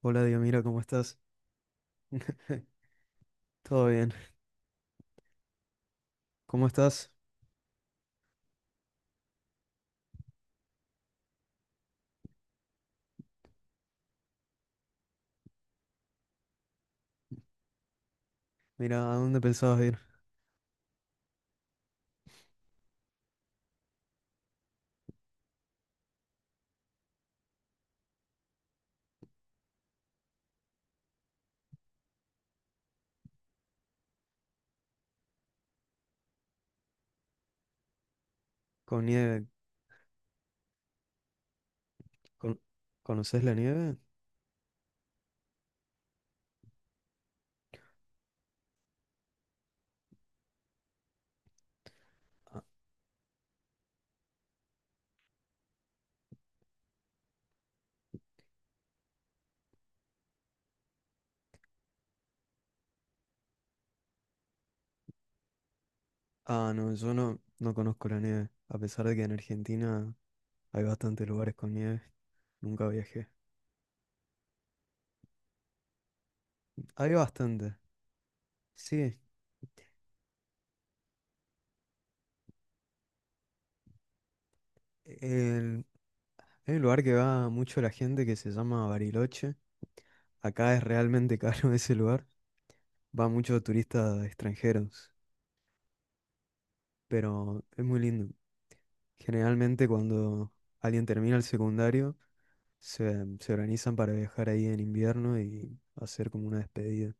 Hola, Dios, mira, ¿cómo estás? Todo bien. ¿Cómo estás? Mira, ¿a dónde pensabas ir? ¿Con nieve? ¿Con... ¿Conoces la nieve? Ah, no, yo no, no conozco la nieve. A pesar de que en Argentina hay bastantes lugares con nieve, nunca viajé. Hay bastante. Sí, el... hay un lugar que va mucho la gente que se llama Bariloche. Acá es realmente caro ese lugar. Va mucho turistas extranjeros, pero es muy lindo. Generalmente cuando alguien termina el secundario, se organizan para viajar ahí en invierno y hacer como una despedida.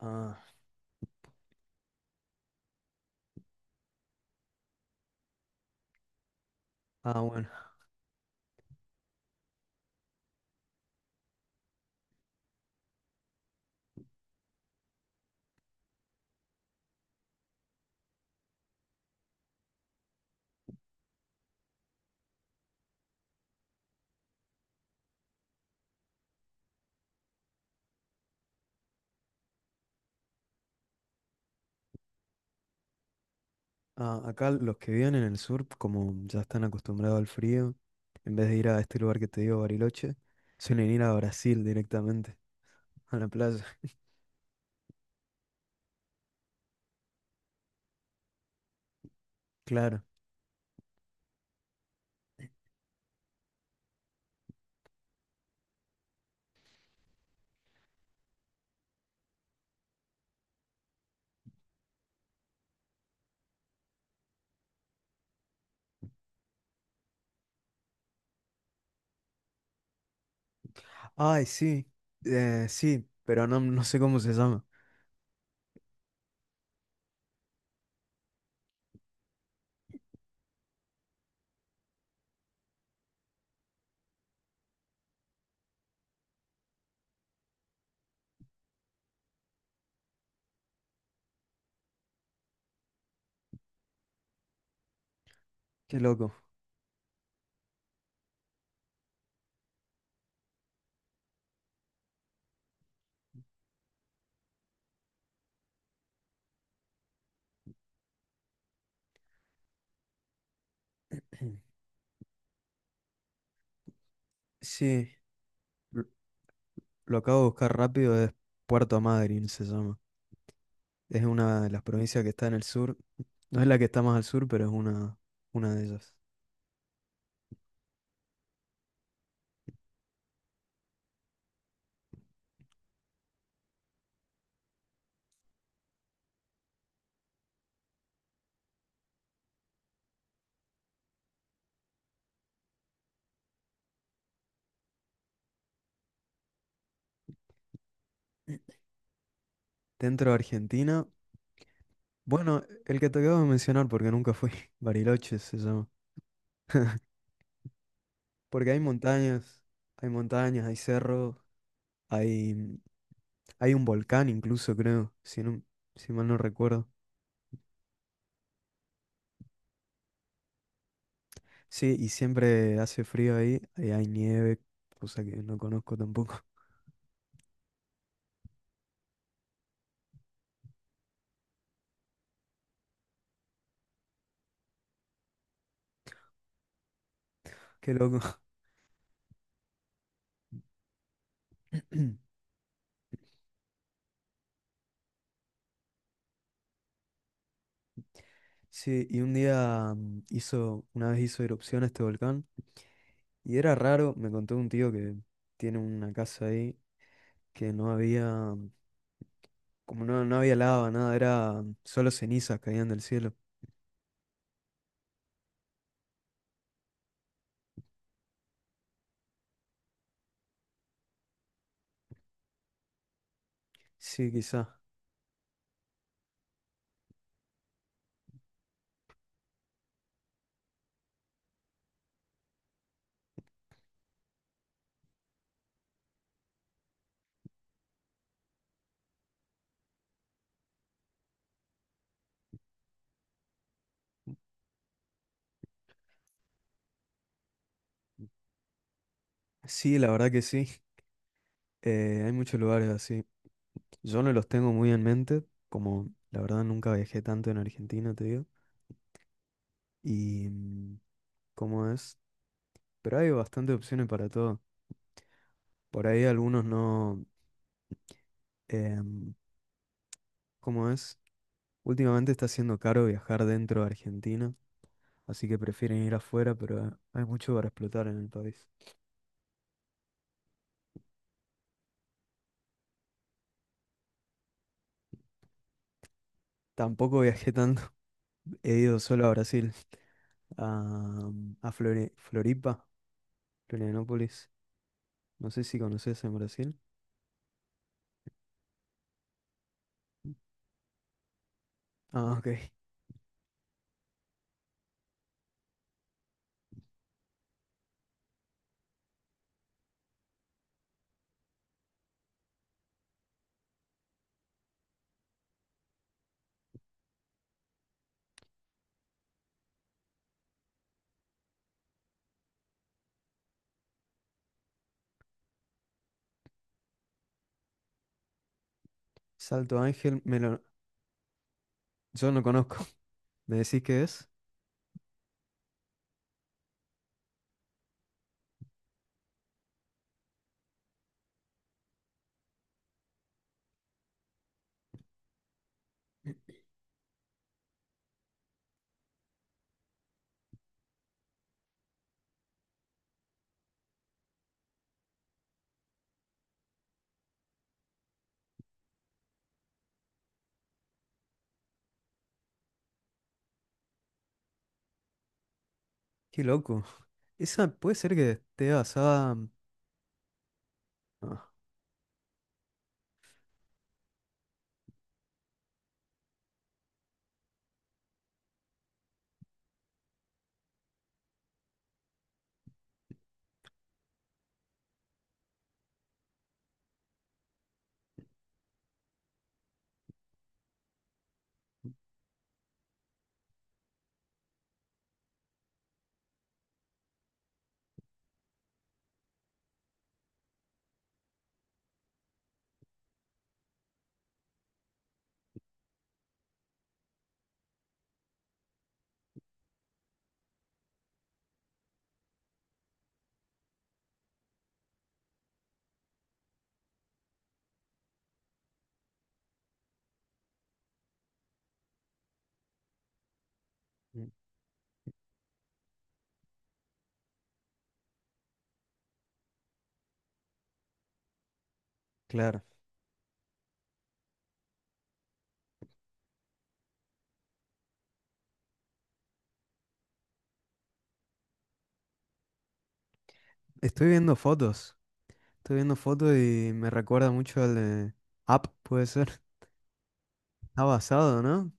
Ah, ah, bueno. Ah, acá los que viven en el sur, como ya están acostumbrados al frío, en vez de ir a este lugar que te digo, Bariloche, suelen ir a Brasil directamente, a la playa. Claro. Ay, sí. Sí, pero no, no sé cómo se llama. Qué loco. Sí, lo lo acabo de buscar rápido, es Puerto Madryn se llama. Es una de las provincias que está en el sur. No es la que está más al sur, pero es una de ellas. Dentro de Argentina, bueno, el que te acabo de mencionar porque nunca fui, Bariloche se llama. Porque hay montañas, hay montañas, hay cerros, hay, mm, hay un volcán incluso, creo, si mal no recuerdo. Sí, y siempre hace frío ahí, ahí hay nieve, cosa que no conozco tampoco. Qué loco. Sí, y un día hizo, una vez hizo erupción este volcán. Y era raro, me contó un tío que tiene una casa ahí, que no había, como no había lava, nada, era solo cenizas caían del cielo. Sí, quizá. Sí, la verdad que sí. Hay muchos lugares así. Yo no los tengo muy en mente, como la verdad nunca viajé tanto en Argentina, te digo. Y mm, ¿Cómo es? Pero hay bastantes opciones para todo. Por ahí algunos no. em, ¿Cómo es? Últimamente está siendo caro viajar dentro de Argentina, así que prefieren ir afuera, pero hay mucho para explotar en el país. Tampoco viajé tanto, he ido solo a Brasil, a, a Floripa, Florianópolis. No sé si conoces en Brasil. Ah, ok. Salto Ángel, me lo- Yo no conozco. ¿Me decís qué es? Qué loco. Esa puede ser que esté basada. Ah, mm, claro. Estoy viendo fotos. Estoy viendo fotos y me recuerda mucho al de Up, puede ser. Está basado, ¿no?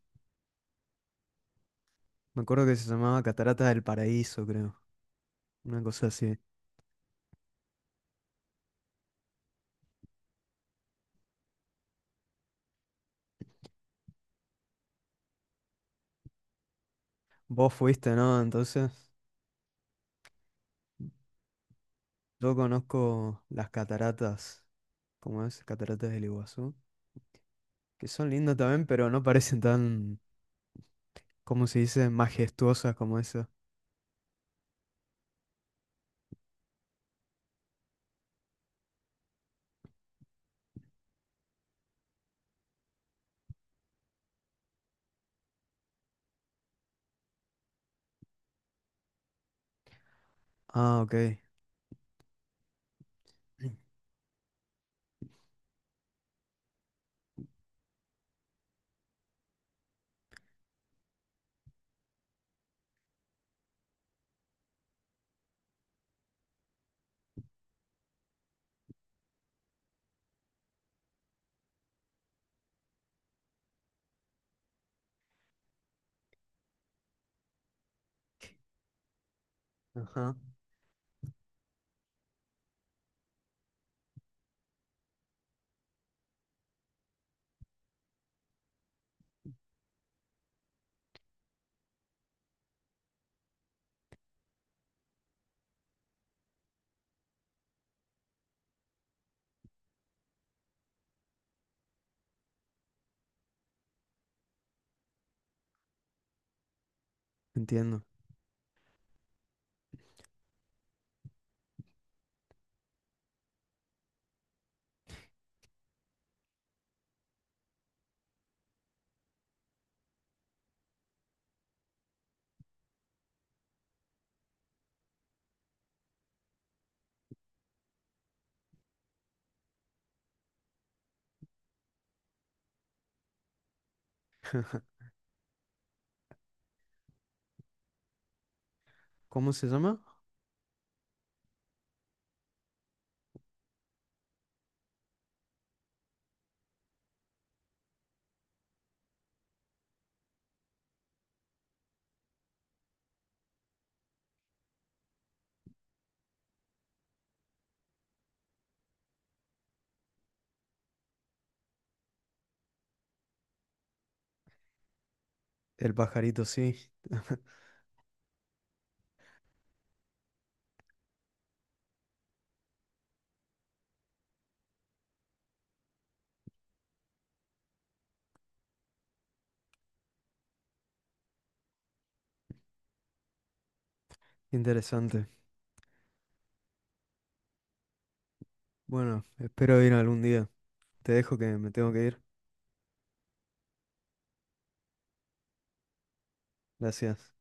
Me acuerdo que se llamaba Cataratas del Paraíso, creo. Una cosa así. Vos fuiste, ¿no? Entonces, yo conozco las cataratas, ¿cómo es? Cataratas del Iguazú, que son lindas también, pero no parecen tan, ¿cómo se dice? Majestuosas como esas. Ah, ok. Ajá, entiendo. ¿Cómo se llama? El pajarito, sí. Interesante. Bueno, espero ir algún día. Te dejo que me tengo que ir. Gracias.